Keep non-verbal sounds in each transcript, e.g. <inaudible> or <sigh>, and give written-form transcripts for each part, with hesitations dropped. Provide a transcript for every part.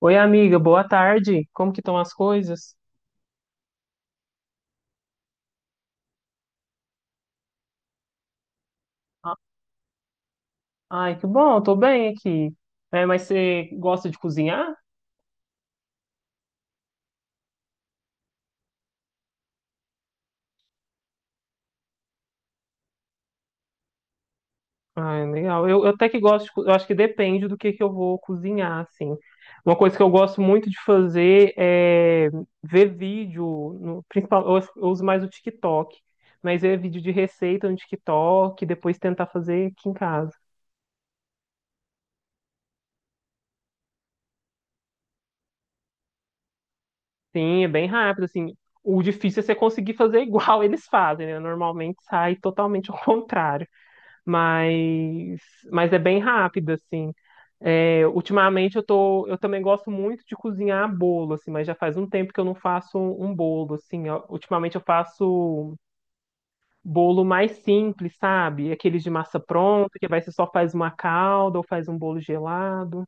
Oi, amiga, boa tarde. Como que estão as coisas? Ah, Ai, que bom, eu tô bem aqui. É, mas você gosta de cozinhar? Ai, legal. Eu até que gosto, eu acho que depende do que eu vou cozinhar, assim. Uma coisa que eu gosto muito de fazer é ver vídeo, no, principal, eu uso mais o TikTok, mas ver vídeo de receita no TikTok, e depois tentar fazer aqui em casa. Sim, é bem rápido, assim. O difícil é você conseguir fazer igual <laughs> eles fazem, né? Normalmente sai totalmente ao contrário. mas, mas é bem rápido, assim. É, ultimamente eu tô, eu também gosto muito de cozinhar bolo, assim, mas já faz um tempo que eu não faço um bolo, assim. Ultimamente eu faço bolo mais simples, sabe? Aqueles de massa pronta, que vai ser só faz uma calda ou faz um bolo gelado.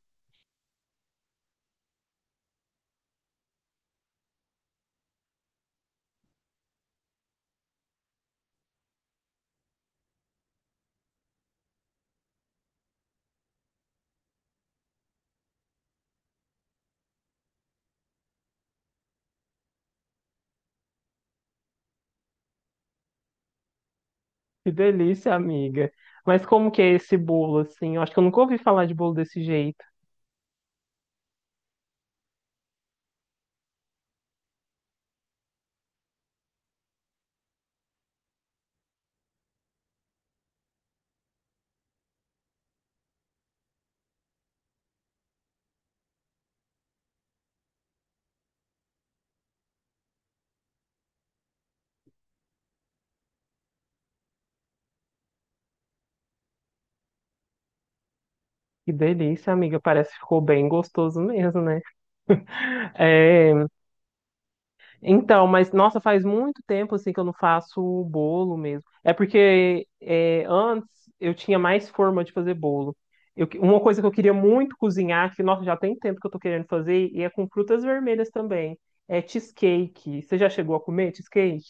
Que delícia, amiga. Mas como que é esse bolo, assim? Eu acho que eu nunca ouvi falar de bolo desse jeito. Que delícia, amiga. Parece que ficou bem gostoso mesmo, né? É. Então, mas nossa, faz muito tempo assim que eu não faço bolo mesmo. É porque é, antes eu tinha mais forma de fazer bolo. Uma coisa que eu queria muito cozinhar, que nossa, já tem tempo que eu tô querendo fazer, e é com frutas vermelhas também. É cheesecake. Você já chegou a comer cheesecake?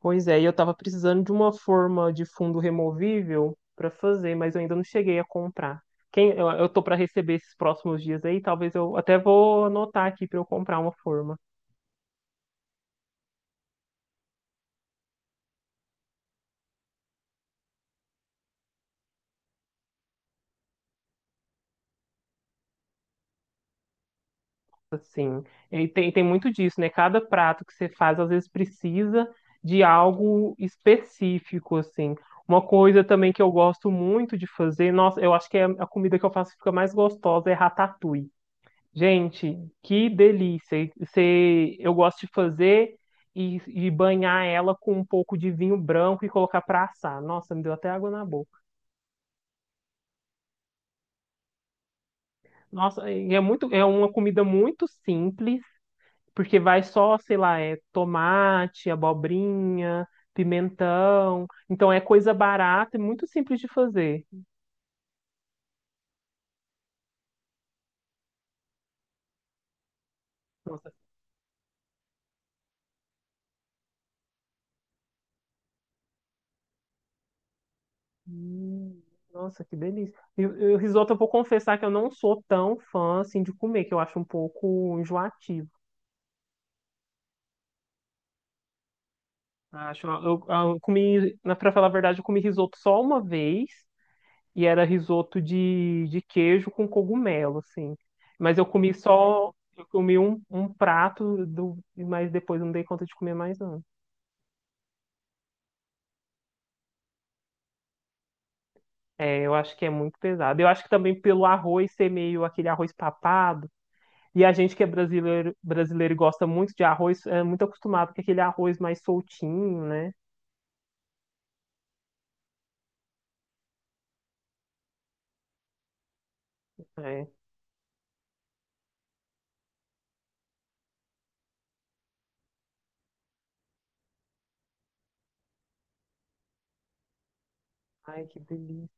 Pois é, e eu tava precisando de uma forma de fundo removível para fazer, mas eu ainda não cheguei a comprar. Eu tô para receber esses próximos dias aí, talvez eu até vou anotar aqui para eu comprar uma forma. Assim, e tem, tem muito disso, né? Cada prato que você faz, às vezes, precisa de algo específico, assim. Uma coisa também que eu gosto muito de fazer, nossa, eu acho que é a comida que eu faço que fica mais gostosa é ratatouille. Gente, que delícia! E você, eu gosto de fazer e banhar ela com um pouco de vinho branco e colocar para assar. Nossa, me deu até água na boca. Nossa, e é muito, é uma comida muito simples. Porque vai só, sei lá, é tomate, abobrinha, pimentão. Então é coisa barata e muito simples de fazer. Nossa, hum, nossa, que delícia. E o risoto, eu vou confessar que eu não sou tão fã assim de comer, que eu acho um pouco enjoativo. Acho, eu comi, pra falar a verdade, eu comi risoto só uma vez e era risoto de queijo com cogumelo, assim. Mas eu comi só, eu comi um, um prato, do, mas depois eu não dei conta de comer mais, não. É, eu acho que é muito pesado. Eu acho que também pelo arroz ser meio aquele arroz papado, e a gente que é brasileiro, brasileiro e gosta muito de arroz, é muito acostumado com aquele arroz mais soltinho, né? É. Ai, que delícia.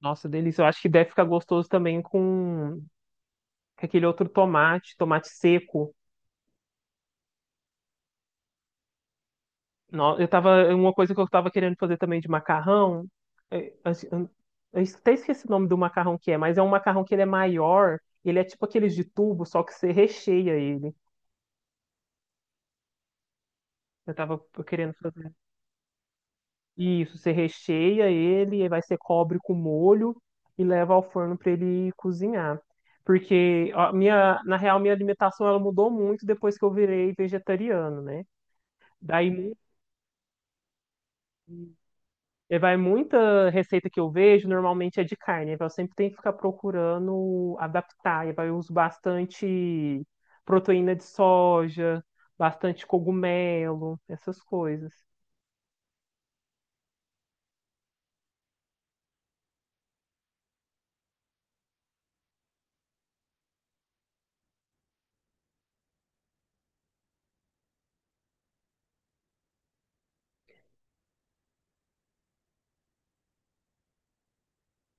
Nossa, delícia. Eu acho que deve ficar gostoso também com aquele outro tomate, tomate seco. Não, eu tava, uma coisa que eu tava querendo fazer também de macarrão, é, assim, eu até esqueci o nome do macarrão que é, mas é um macarrão que ele é maior, ele é tipo aqueles de tubo, só que você recheia ele. Eu tava querendo fazer isso, você recheia ele, aí vai ser cobre com molho e leva ao forno para ele cozinhar. Porque a minha, na real, minha alimentação ela mudou muito depois que eu virei vegetariano, né? Daí E vai muita receita que eu vejo, normalmente é de carne. Aí eu sempre tenho que ficar procurando adaptar. E vai eu uso bastante proteína de soja, bastante cogumelo, essas coisas.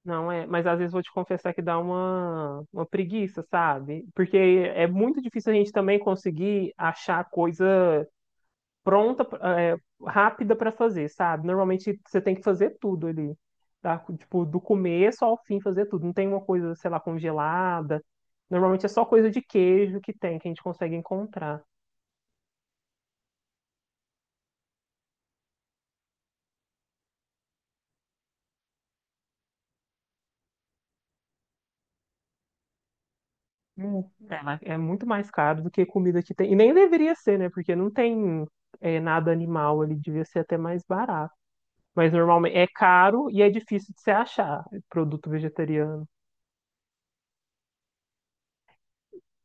Não é, mas às vezes vou te confessar que dá uma preguiça, sabe? Porque é muito difícil a gente também conseguir achar coisa pronta, é, rápida para fazer, sabe? Normalmente você tem que fazer tudo ali, tá? Tipo, do começo ao fim fazer tudo. Não tem uma coisa, sei lá, congelada. Normalmente é só coisa de queijo que tem, que a gente consegue encontrar. Ela é muito mais caro do que comida que tem. E nem deveria ser, né? Porque não tem é, nada animal ali, devia ser até mais barato. Mas normalmente é caro e é difícil de se achar produto vegetariano.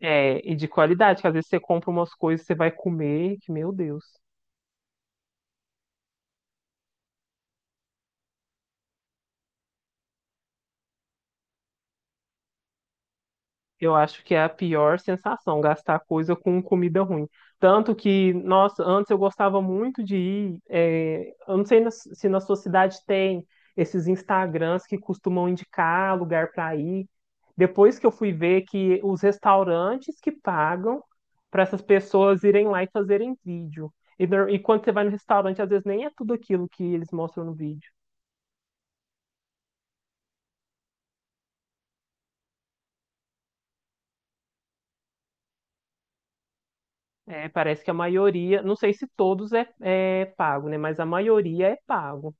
É, e de qualidade, que às vezes você compra umas coisas, você vai comer, que meu Deus. Eu acho que é a pior sensação, gastar coisa com comida ruim. Tanto que, nossa, antes eu gostava muito de ir. Eu não sei se na sua cidade tem esses Instagrams que costumam indicar lugar para ir. Depois que eu fui ver que os restaurantes que pagam para essas pessoas irem lá e fazerem vídeo. E quando você vai no restaurante, às vezes nem é tudo aquilo que eles mostram no vídeo. Parece que a maioria, não sei se todos é pago, né? Mas a maioria é pago.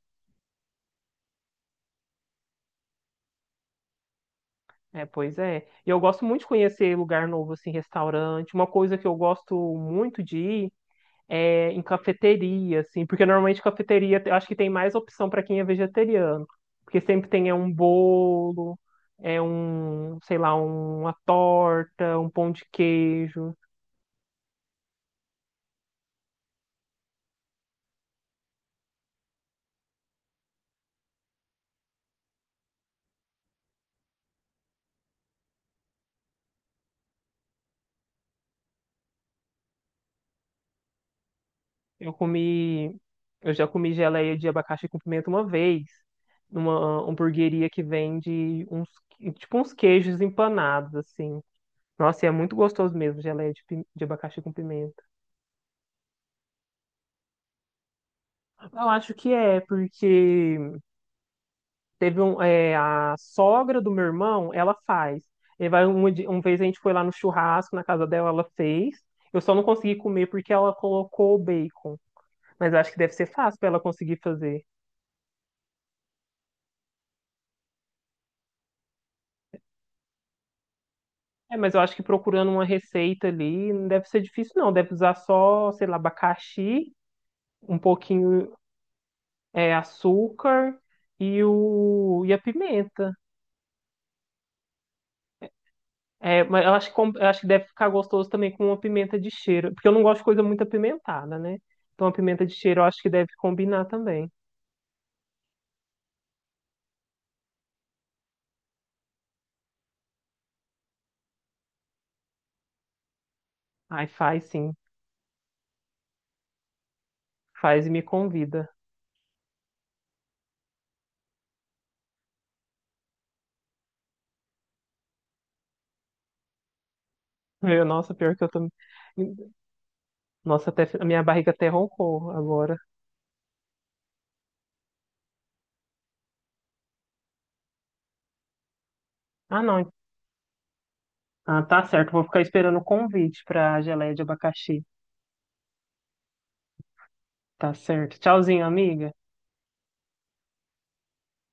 É, pois é. E eu gosto muito de conhecer lugar novo, assim, restaurante. Uma coisa que eu gosto muito de ir é em cafeteria, assim, porque normalmente cafeteria eu acho que tem mais opção para quem é vegetariano. Porque sempre tem é, um bolo, é um, sei lá, uma torta, um pão de queijo. Eu comi, eu já comi geleia de abacaxi com pimenta uma vez, numa hamburgueria que vende uns, tipo uns queijos empanados, assim. Nossa, e é muito gostoso mesmo, geleia de, de abacaxi com pimenta. Eu acho que é, porque teve um, é, a sogra do meu irmão, ela faz. E vai uma, uma vez a gente foi lá no churrasco, na casa dela, ela fez. Eu só não consegui comer porque ela colocou o bacon. Mas eu acho que deve ser fácil para ela conseguir fazer. É, mas eu acho que procurando uma receita ali não deve ser difícil, não. Deve usar só, sei lá, abacaxi, um pouquinho, é, açúcar e, o, e a pimenta. É, mas eu acho que, eu acho que deve ficar gostoso também com uma pimenta de cheiro, porque eu não gosto de coisa muito apimentada, né? Então a pimenta de cheiro eu acho que deve combinar também. Ai, faz sim, faz e me convida. Meu, nossa, pior que eu tô. Nossa, até a minha barriga até roncou agora. Ah, não. Ah, tá certo, vou ficar esperando o convite pra geleia de abacaxi. Tá certo. Tchauzinho, amiga.